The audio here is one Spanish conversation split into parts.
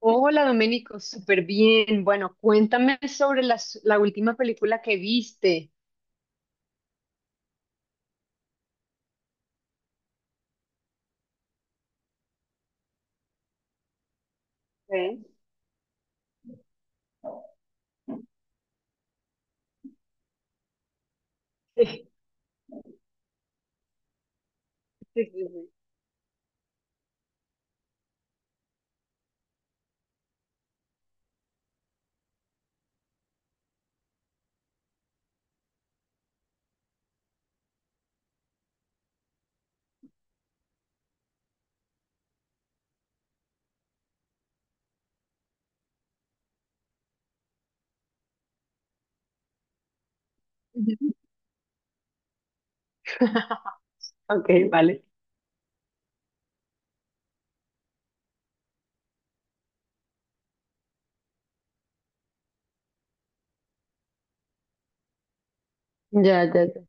Hola, Domenico, súper bien. Bueno, cuéntame sobre la última película que viste. ¿Eh? Sí, sí, sí, sí. Ujú. Ok, vale. Ya, ya, ya.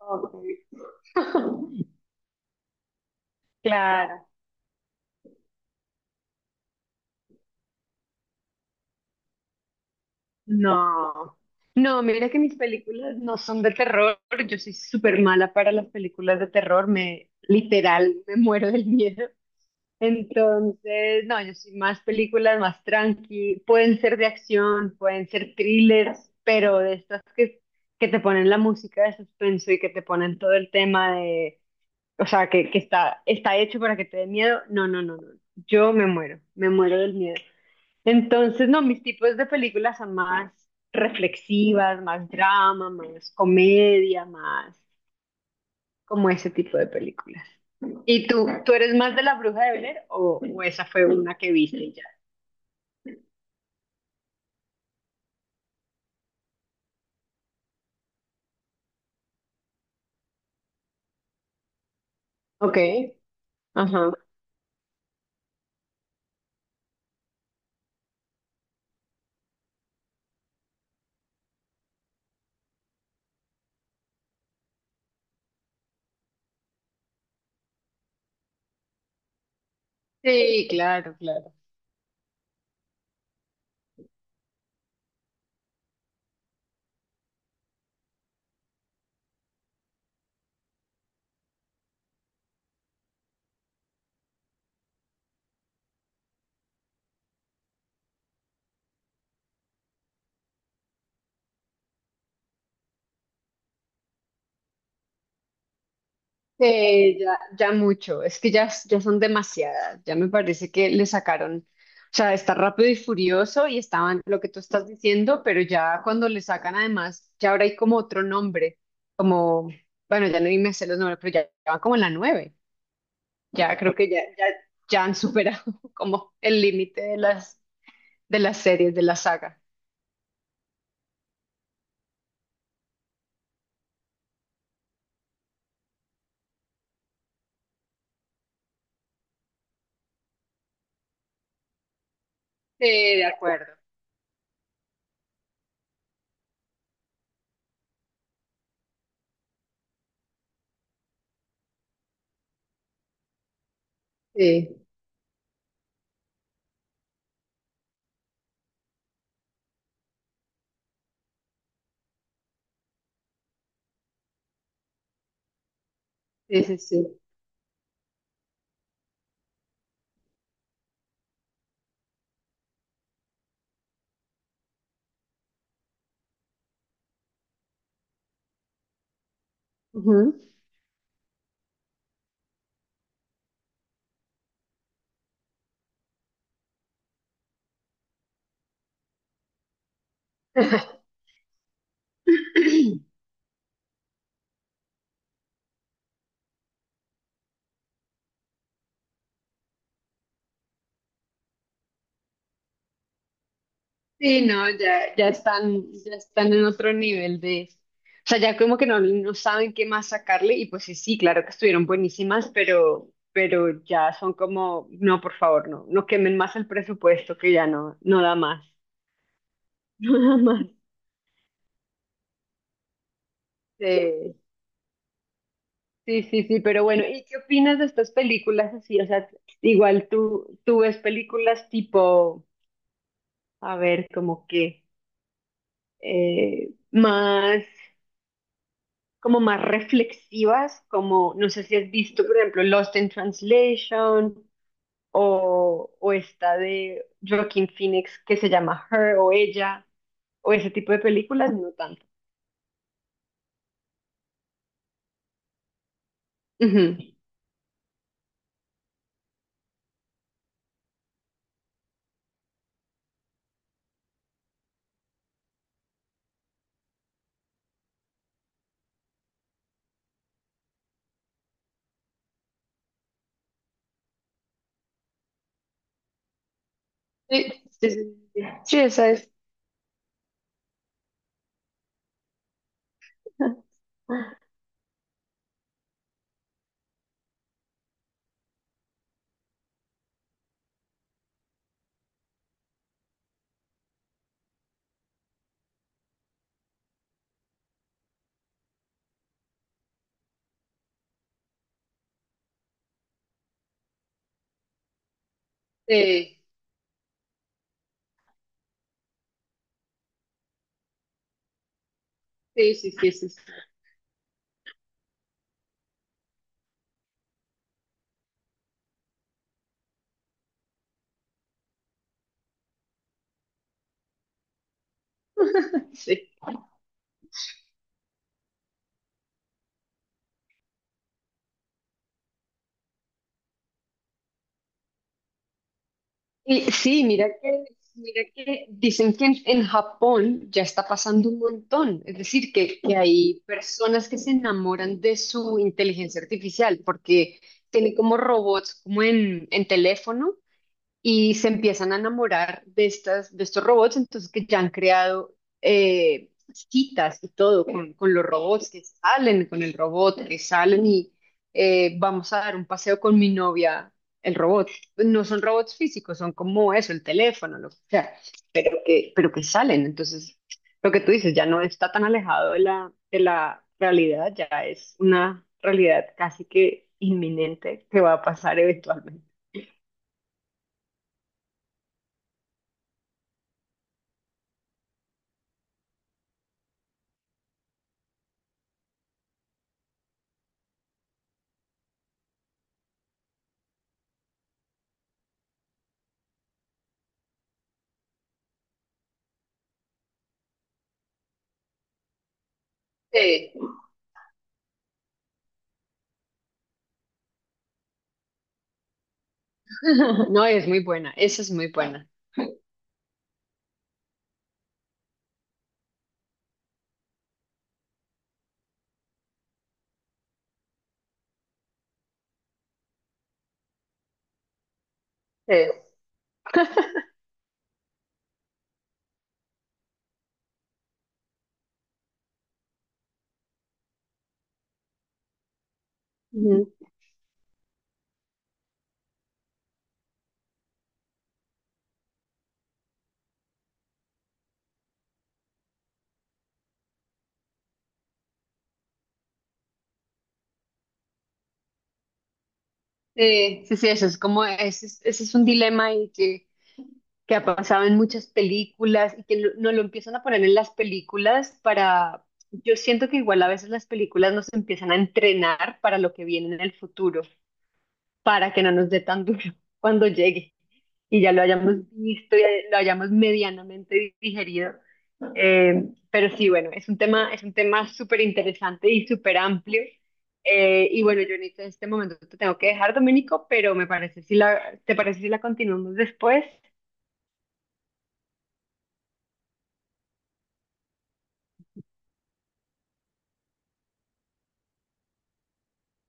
Ok. Claro. No. No, mira que mis películas no son de terror. Yo soy súper mala para las películas de terror. Me, literal, me muero del miedo. Entonces, no, yo soy más películas, más tranqui, pueden ser de acción, pueden ser thrillers, pero de estas que te ponen la música de suspenso y que te ponen todo el tema de, o sea, que está, está hecho para que te dé miedo, no, no, no, no, yo me muero del miedo. Entonces, no, mis tipos de películas son más reflexivas, más drama, más comedia, más como ese tipo de películas. ¿Y tú eres más de La Bruja de Blair o esa fue una que viste y ya? Ok, ajá. Sí, claro, claro. Ya, ya mucho, es que ya, ya son demasiadas, ya me parece que le sacaron, o sea, está rápido y furioso y estaban lo que tú estás diciendo, pero ya cuando le sacan además, ya ahora hay como otro nombre, como, bueno, ya no me sé los nombres, pero ya, ya van como en la nueve, ya creo que ya, ya, ya han superado como el límite de las series, de la saga. Sí, de acuerdo. Sí, sí, sí, sí. Ujú. Sí, no, ya, ya están en otro nivel de, o sea, ya como que no, no saben qué más sacarle y pues sí, sí, claro que estuvieron buenísimas, pero ya son como, no, por favor, no, no quemen más el presupuesto que ya no, no da más, no da más. Sí, sí, sí, sí, pero bueno, ¿y qué opinas de estas películas así? O sea, igual tú ves películas tipo a ver, como que más, como más reflexivas, como, no sé si has visto, por ejemplo, Lost in Translation o esta de Joaquin Phoenix que se llama Her o Ella, o ese tipo de películas, no tanto. Ujú. Sí, sí, sí, sí. Sí, esa es. Sí, sí, sí, sí. Sí. Sí. Sí. Y sí, mira que dicen que en Japón ya está pasando un montón. Es decir, que hay personas que se enamoran de su inteligencia artificial porque tiene como robots, como en teléfono, y se empiezan a enamorar de estas, de estos robots, entonces que ya han creado citas y todo con los robots que salen, con el robot que salen y vamos a dar un paseo con mi novia, el robot. Pues no son robots físicos, son como eso, el teléfono, lo que sea, pero que salen. Entonces, lo que tú dices ya no está tan alejado de de la realidad, ya es una realidad casi que inminente que va a pasar eventualmente. Sí. No, es muy buena, esa es muy buena. Sí. Ujú. Sí, sí, sí, eso es como, ese es un dilema y que ha pasado en muchas películas y que no lo empiezan a poner en las películas para, yo siento que igual a veces las películas nos empiezan a entrenar para lo que viene en el futuro, para que no nos dé tan duro cuando llegue y ya lo hayamos visto y lo hayamos medianamente digerido. Pero sí, bueno, es un tema súper interesante y súper amplio. Y bueno, yo en este momento te tengo que dejar, Dominico, pero me parece si la, ¿te parece si la continuamos después?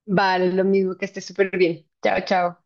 Vale, lo mismo, que estés súper bien. Chao, chao.